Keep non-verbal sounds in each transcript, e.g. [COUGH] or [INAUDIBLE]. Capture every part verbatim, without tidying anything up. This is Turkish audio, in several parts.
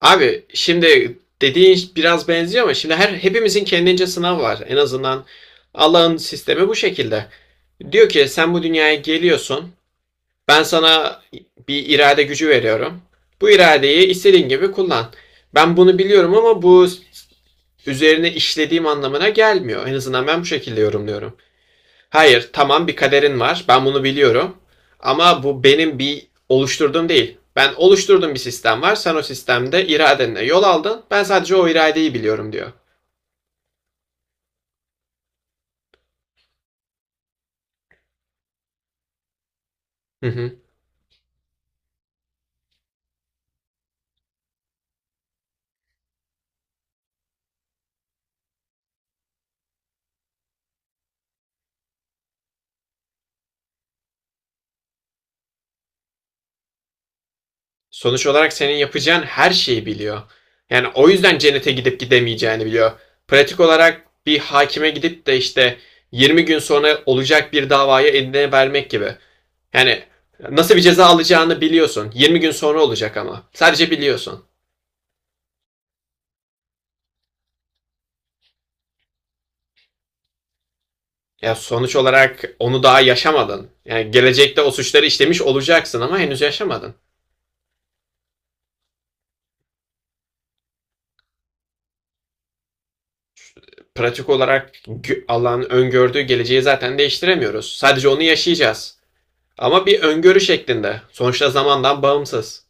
Abi şimdi dediğin biraz benziyor ama şimdi her hepimizin kendince sınavı var. En azından Allah'ın sistemi bu şekilde. Diyor ki sen bu dünyaya geliyorsun. Ben sana bir irade gücü veriyorum. Bu iradeyi istediğin gibi kullan. Ben bunu biliyorum ama bu üzerine işlediğim anlamına gelmiyor. En azından ben bu şekilde yorumluyorum. Hayır, tamam bir kaderin var. Ben bunu biliyorum. Ama bu benim bir oluşturduğum değil. Ben oluşturduğum bir sistem var. Sen o sistemde iradenle yol aldın. Ben sadece o iradeyi biliyorum diyor. Hı hı. Sonuç olarak senin yapacağın her şeyi biliyor. Yani o yüzden cennete gidip gidemeyeceğini biliyor. Pratik olarak bir hakime gidip de işte yirmi gün sonra olacak bir davayı eline vermek gibi. Yani nasıl bir ceza alacağını biliyorsun. yirmi gün sonra olacak ama. Sadece biliyorsun. Ya sonuç olarak onu daha yaşamadın. Yani gelecekte o suçları işlemiş olacaksın ama henüz yaşamadın. Pratik olarak Allah'ın öngördüğü geleceği zaten değiştiremiyoruz. Sadece onu yaşayacağız. Ama bir öngörü şeklinde. Sonuçta zamandan bağımsız.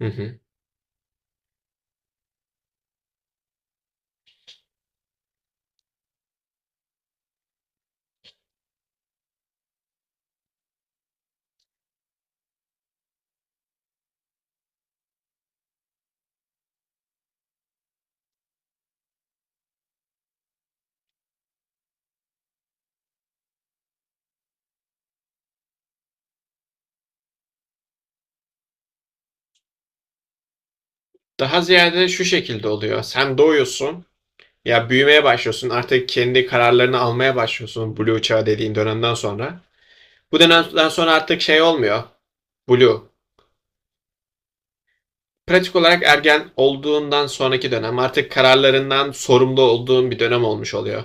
Hı hı. Daha ziyade şu şekilde oluyor. Sen doğuyorsun. Ya büyümeye başlıyorsun. Artık kendi kararlarını almaya başlıyorsun. Blue çağı dediğin dönemden sonra. Bu dönemden sonra artık şey olmuyor. Blue. Pratik olarak ergen olduğundan sonraki dönem artık kararlarından sorumlu olduğun bir dönem olmuş oluyor.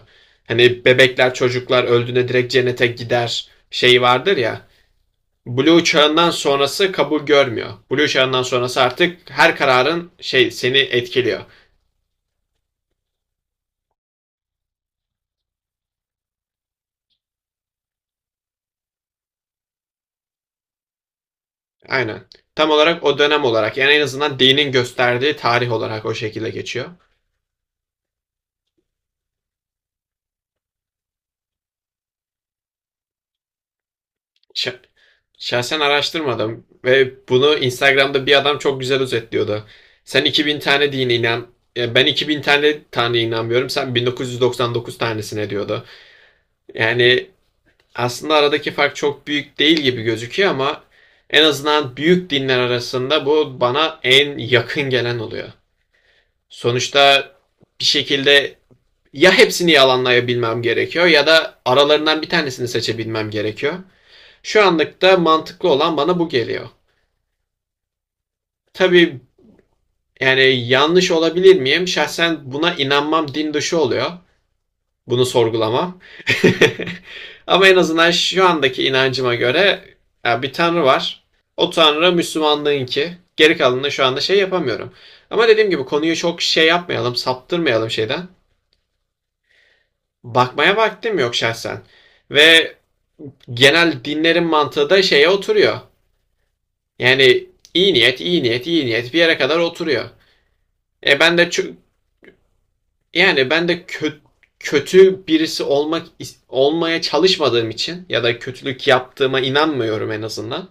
Hani bebekler çocuklar öldüğünde direkt cennete gider şeyi vardır ya. Blue çağından sonrası kabul görmüyor. Blue çağından sonrası artık her kararın şey seni etkiliyor. Aynen. Tam olarak o dönem olarak yani en azından dinin gösterdiği tarih olarak o şekilde geçiyor. Ş- şahsen araştırmadım ve bunu Instagram'da bir adam çok güzel özetliyordu. Sen iki bin tane dine inan, ya ben iki bin tane tane inanmıyorum. Sen bin dokuz yüz doksan dokuz tanesine diyordu. Yani aslında aradaki fark çok büyük değil gibi gözüküyor ama en azından büyük dinler arasında bu bana en yakın gelen oluyor. Sonuçta bir şekilde ya hepsini yalanlayabilmem gerekiyor ya da aralarından bir tanesini seçebilmem gerekiyor. Şu anlıkta mantıklı olan bana bu geliyor. Tabii yani yanlış olabilir miyim? Şahsen buna inanmam din dışı oluyor. Bunu sorgulamam. [LAUGHS] Ama en azından şu andaki inancıma göre ya bir tanrı var. O tanrı Müslümanlığınki. Geri kalanını şu anda şey yapamıyorum. Ama dediğim gibi konuyu çok şey yapmayalım, saptırmayalım şeyden. Bakmaya vaktim yok şahsen. Ve genel dinlerin mantığı da şeye oturuyor. Yani iyi niyet, iyi niyet, iyi niyet bir yere kadar oturuyor. E ben de ço- Yani ben de kö- kötü birisi olmak olmaya çalışmadığım için ya da kötülük yaptığıma inanmıyorum en azından.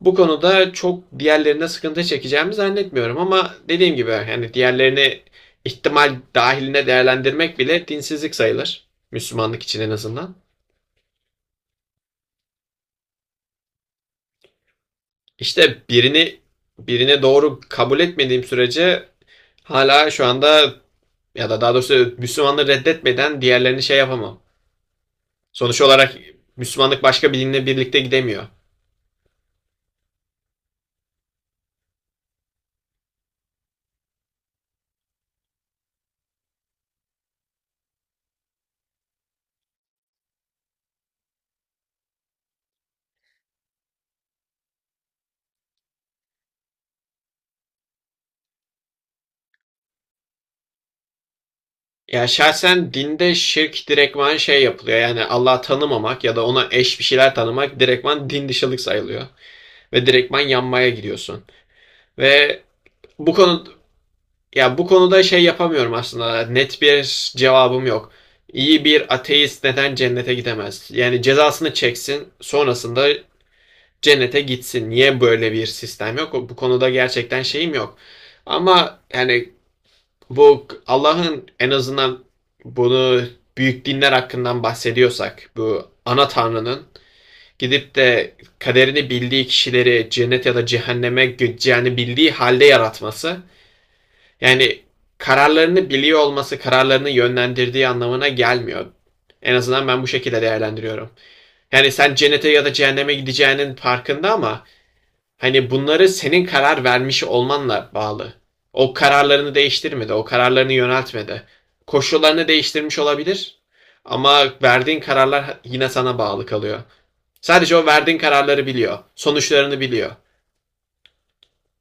Bu konuda çok diğerlerine sıkıntı çekeceğimi zannetmiyorum ama dediğim gibi yani diğerlerini ihtimal dahiline değerlendirmek bile dinsizlik sayılır. Müslümanlık için en azından. İşte birini birine doğru kabul etmediğim sürece hala şu anda ya da daha doğrusu Müslümanları reddetmeden diğerlerini şey yapamam. Sonuç olarak Müslümanlık başka bir dinle birlikte gidemiyor. Ya şahsen dinde şirk direktman şey yapılıyor. Yani Allah'ı tanımamak ya da ona eş bir şeyler tanımak direktman din dışılık sayılıyor. Ve direktman yanmaya giriyorsun. Ve bu konu ya bu konuda şey yapamıyorum aslında. Net bir cevabım yok. İyi bir ateist neden cennete gidemez? Yani cezasını çeksin, sonrasında cennete gitsin. Niye böyle bir sistem yok? Bu konuda gerçekten şeyim yok. Ama yani bu Allah'ın en azından bunu büyük dinler hakkından bahsediyorsak bu ana tanrının gidip de kaderini bildiği kişileri cennet ya da cehenneme gideceğini bildiği halde yaratması yani kararlarını biliyor olması kararlarını yönlendirdiği anlamına gelmiyor. En azından ben bu şekilde değerlendiriyorum. Yani sen cennete ya da cehenneme gideceğinin farkında ama hani bunları senin karar vermiş olmanla bağlı. O kararlarını değiştirmedi, o kararlarını yöneltmedi. Koşullarını değiştirmiş olabilir ama verdiğin kararlar yine sana bağlı kalıyor. Sadece o verdiğin kararları biliyor, sonuçlarını biliyor.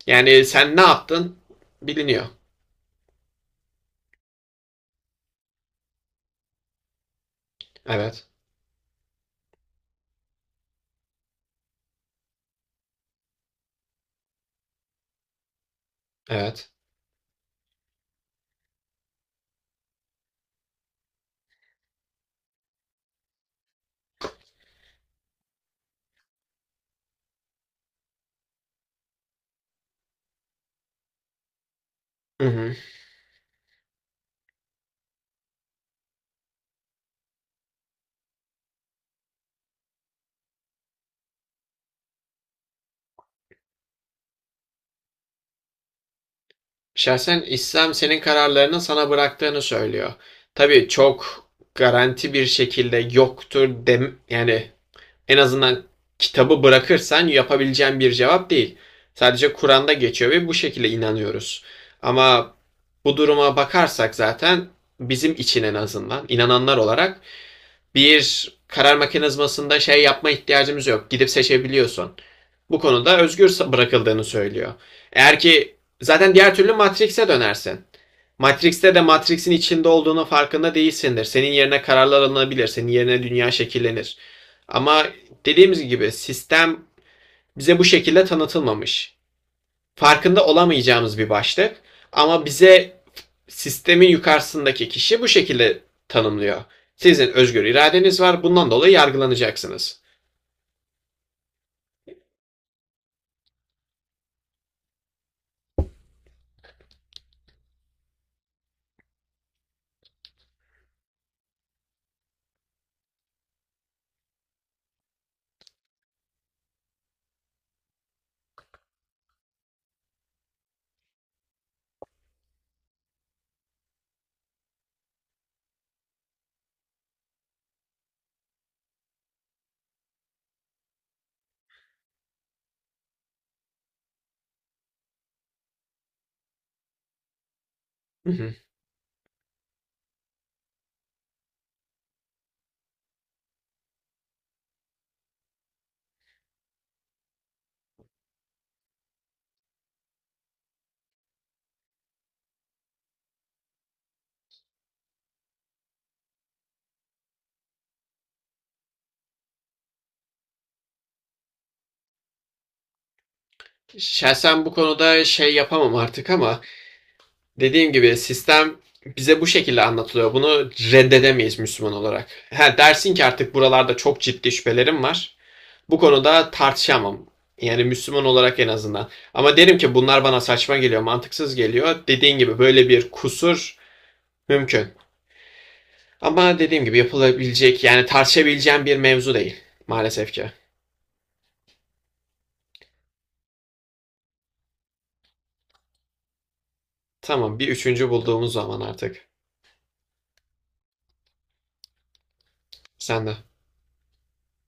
Yani sen ne yaptın biliniyor. Evet, evet. Hı hı. Şahsen İslam senin kararlarını sana bıraktığını söylüyor. Tabii çok garanti bir şekilde yoktur dem yani en azından kitabı bırakırsan yapabileceğin bir cevap değil. Sadece Kur'an'da geçiyor ve bu şekilde inanıyoruz. Ama bu duruma bakarsak zaten bizim için en azından inananlar olarak bir karar mekanizmasında şey yapma ihtiyacımız yok. Gidip seçebiliyorsun. Bu konuda özgür bırakıldığını söylüyor. Eğer ki zaten diğer türlü Matrix'e dönersin. Matrix'te de Matrix'in içinde olduğunun farkında değilsindir. Senin yerine kararlar alınabilir. Senin yerine dünya şekillenir. Ama dediğimiz gibi sistem bize bu şekilde tanıtılmamış. Farkında olamayacağımız bir başlık. Ama bize sistemin yukarısındaki kişi bu şekilde tanımlıyor. Sizin özgür iradeniz var. Bundan dolayı yargılanacaksınız. Hı hı. Şahsen bu konuda şey yapamam artık ama dediğim gibi sistem bize bu şekilde anlatılıyor. Bunu reddedemeyiz Müslüman olarak. Ha, dersin ki artık buralarda çok ciddi şüphelerim var. Bu konuda tartışamam. Yani Müslüman olarak en azından. Ama derim ki bunlar bana saçma geliyor, mantıksız geliyor. Dediğin gibi böyle bir kusur mümkün. Ama dediğim gibi yapılabilecek yani tartışabileceğim bir mevzu değil maalesef ki. Tamam bir üçüncü bulduğumuz zaman artık. Sen de.